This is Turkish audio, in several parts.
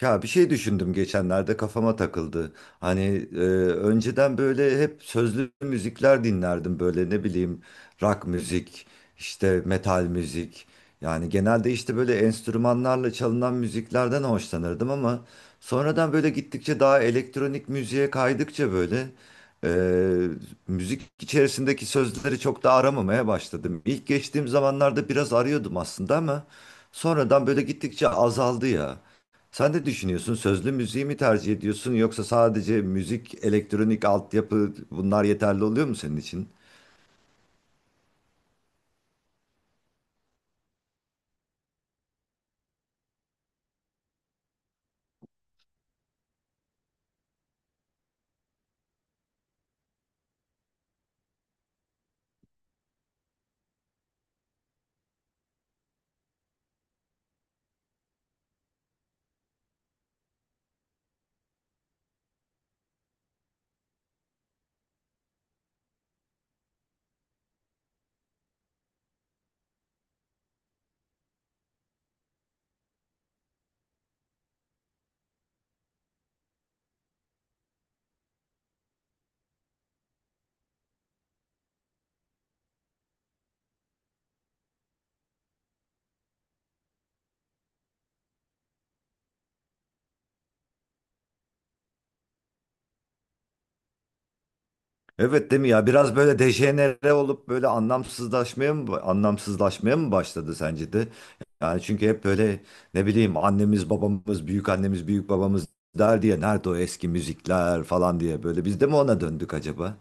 Ya bir şey düşündüm geçenlerde kafama takıldı. Hani e, önceden böyle hep sözlü müzikler dinlerdim böyle ne bileyim rock müzik, işte metal müzik. Yani genelde işte böyle enstrümanlarla çalınan müziklerden hoşlanırdım ama sonradan böyle gittikçe daha elektronik müziğe kaydıkça böyle e, müzik içerisindeki sözleri çok da aramamaya başladım. İlk geçtiğim zamanlarda biraz arıyordum aslında ama sonradan böyle gittikçe azaldı ya. Sen de düşünüyorsun sözlü müziği mi tercih ediyorsun yoksa sadece müzik, elektronik altyapı bunlar yeterli oluyor mu senin için? Evet değil mi ya biraz böyle dejenere olup böyle anlamsızlaşmaya mı başladı sence de? Yani çünkü hep böyle ne bileyim annemiz babamız büyük annemiz büyük babamız der diye nerede o eski müzikler falan diye böyle biz de mi ona döndük acaba?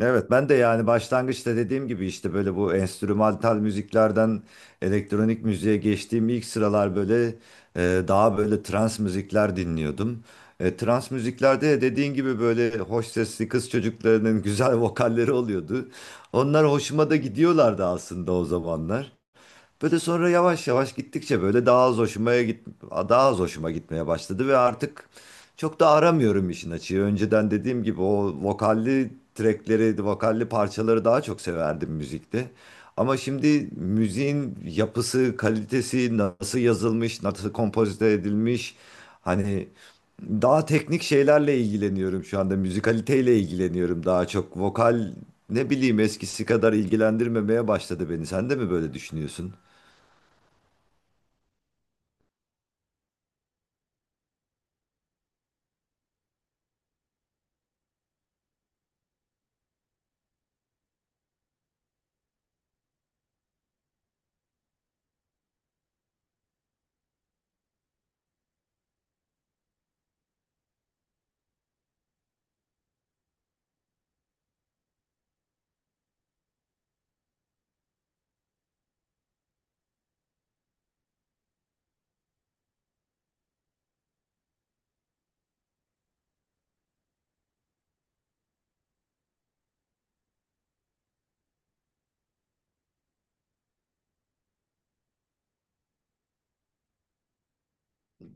Evet ben de yani başlangıçta dediğim gibi işte böyle bu enstrümantal müziklerden elektronik müziğe geçtiğim ilk sıralar böyle daha böyle trans müzikler dinliyordum. Trans müziklerde de dediğin gibi böyle hoş sesli kız çocuklarının güzel vokalleri oluyordu. Onlar hoşuma da gidiyorlardı aslında o zamanlar. Böyle sonra yavaş yavaş gittikçe böyle daha az hoşuma gitmeye başladı ve artık çok da aramıyorum işin açığı. Önceden dediğim gibi o vokalli trackleri, vokalli parçaları daha çok severdim müzikte. Ama şimdi müziğin yapısı, kalitesi, nasıl yazılmış, nasıl kompozite edilmiş, hani daha teknik şeylerle ilgileniyorum şu anda. Müzikaliteyle ilgileniyorum daha çok. Vokal ne bileyim eskisi kadar ilgilendirmemeye başladı beni. Sen de mi böyle düşünüyorsun?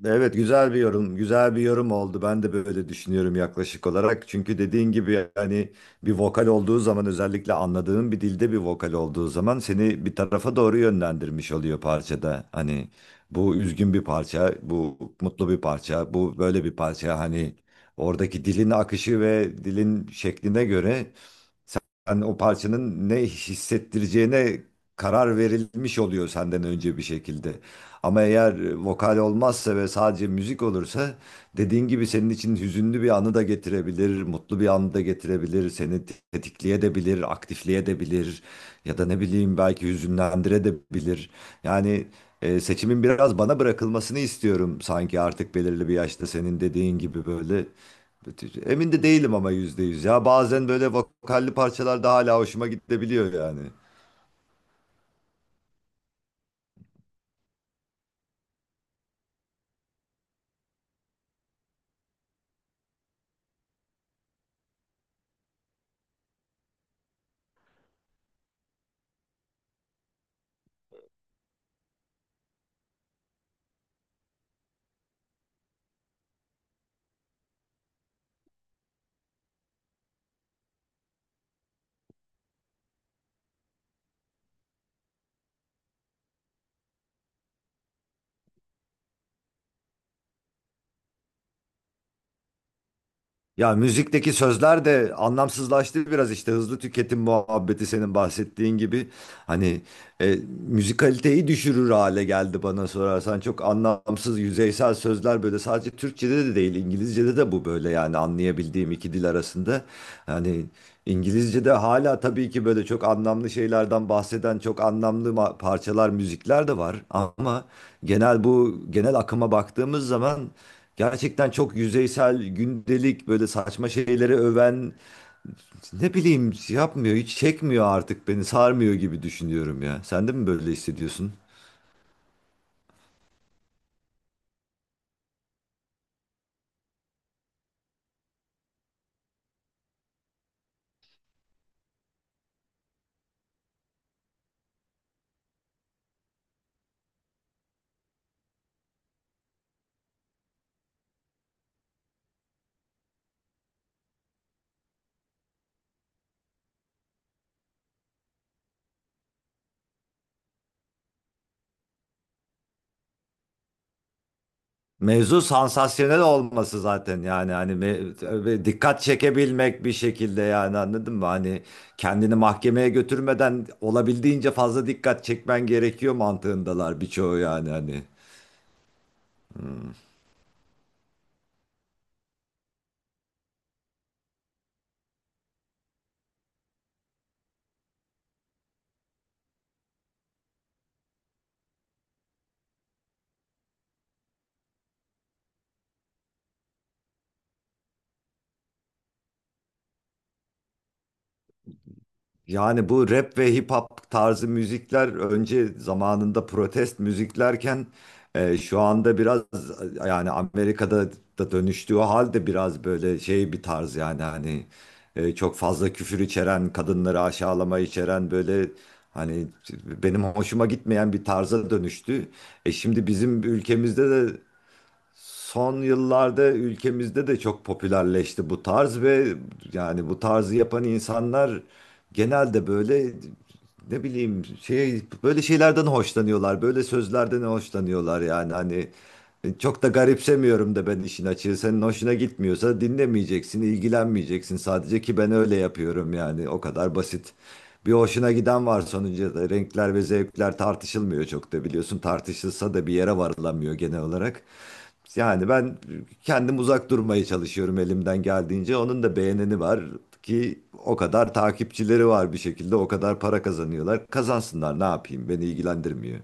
Evet, güzel bir yorum oldu. Ben de böyle düşünüyorum yaklaşık olarak. Çünkü dediğin gibi hani bir vokal olduğu zaman özellikle anladığın bir dilde bir vokal olduğu zaman seni bir tarafa doğru yönlendirmiş oluyor parçada. Hani bu üzgün bir parça, bu mutlu bir parça, bu böyle bir parça. Hani oradaki dilin akışı ve dilin şekline göre hani o parçanın ne hissettireceğine karar verilmiş oluyor senden önce bir şekilde. Ama eğer vokal olmazsa ve sadece müzik olursa dediğin gibi senin için hüzünlü bir anı da getirebilir, mutlu bir anı da getirebilir, seni tetikleyebilir, aktifleyebilir ya da ne bileyim belki hüzünlendirebilir. Yani seçimin biraz bana bırakılmasını istiyorum sanki artık belirli bir yaşta senin dediğin gibi böyle. Emin de değilim ama %100. Ya bazen böyle vokalli parçalar da hala hoşuma gidebiliyor yani. Ya müzikteki sözler de anlamsızlaştı biraz işte hızlı tüketim muhabbeti senin bahsettiğin gibi. Hani e, müzikaliteyi düşürür hale geldi bana sorarsan. Çok anlamsız, yüzeysel sözler böyle sadece Türkçe'de de değil, İngilizce'de de bu böyle yani anlayabildiğim iki dil arasında. Hani İngilizce'de hala tabii ki böyle çok anlamlı şeylerden bahseden çok anlamlı parçalar, müzikler de var. Ama bu genel akıma baktığımız zaman gerçekten çok yüzeysel, gündelik böyle saçma şeyleri öven ne bileyim yapmıyor, hiç çekmiyor artık beni, sarmıyor gibi düşünüyorum ya. Sen de mi böyle hissediyorsun? Mevzu sansasyonel olması zaten yani hani ve dikkat çekebilmek bir şekilde yani anladın mı? Hani kendini mahkemeye götürmeden olabildiğince fazla dikkat çekmen gerekiyor mantığındalar birçoğu yani hani. Yani bu rap ve hip hop tarzı müzikler önce zamanında protest müziklerken şu anda biraz yani Amerika'da da dönüştüğü halde biraz böyle şey bir tarz yani hani çok fazla küfür içeren, kadınları aşağılama içeren böyle hani benim hoşuma gitmeyen bir tarza dönüştü. Şimdi bizim ülkemizde de son yıllarda ülkemizde de çok popülerleşti bu tarz ve yani bu tarzı yapan insanlar genelde böyle ne bileyim şey böyle şeylerden hoşlanıyorlar. Böyle sözlerden hoşlanıyorlar yani hani çok da garipsemiyorum da ben işin açığı. Senin hoşuna gitmiyorsa dinlemeyeceksin, ilgilenmeyeceksin sadece ki ben öyle yapıyorum yani o kadar basit. Bir hoşuna giden var sonucu renkler ve zevkler tartışılmıyor çok da biliyorsun tartışılsa da bir yere varılamıyor genel olarak. Yani ben kendim uzak durmaya çalışıyorum elimden geldiğince. Onun da beğeneni var ki o kadar takipçileri var bir şekilde, o kadar para kazanıyorlar. Kazansınlar ne yapayım beni ilgilendirmiyor.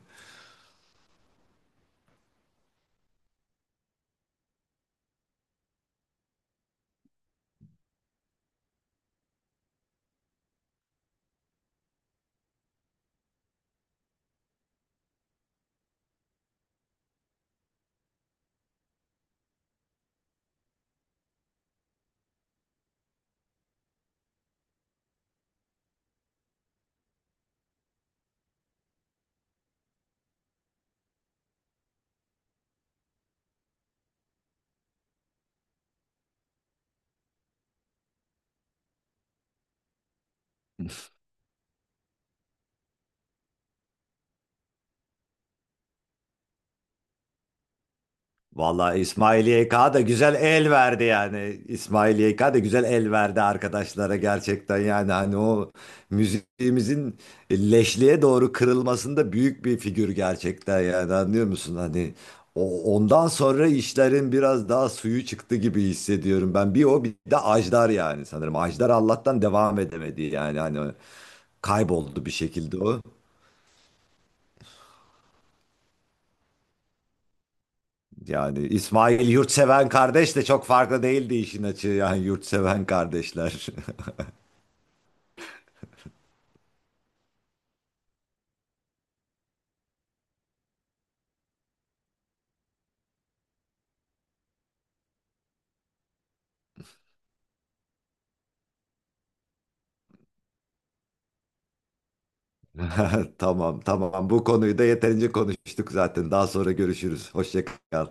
Vallahi İsmail YK da güzel el verdi yani. İsmail YK da güzel el verdi arkadaşlara gerçekten yani hani o müziğimizin leşliğe doğru kırılmasında büyük bir figür gerçekten yani anlıyor musun hani ondan sonra işlerin biraz daha suyu çıktı gibi hissediyorum ben bir o bir de Ajdar yani sanırım Ajdar Allah'tan devam edemedi yani hani kayboldu bir şekilde o. Yani İsmail yurtseven kardeş de çok farklı değildi işin açığı yani yurtseven kardeşler. Tamam tamam, bu konuyu da yeterince konuştuk zaten. Daha sonra görüşürüz. Hoşça kal.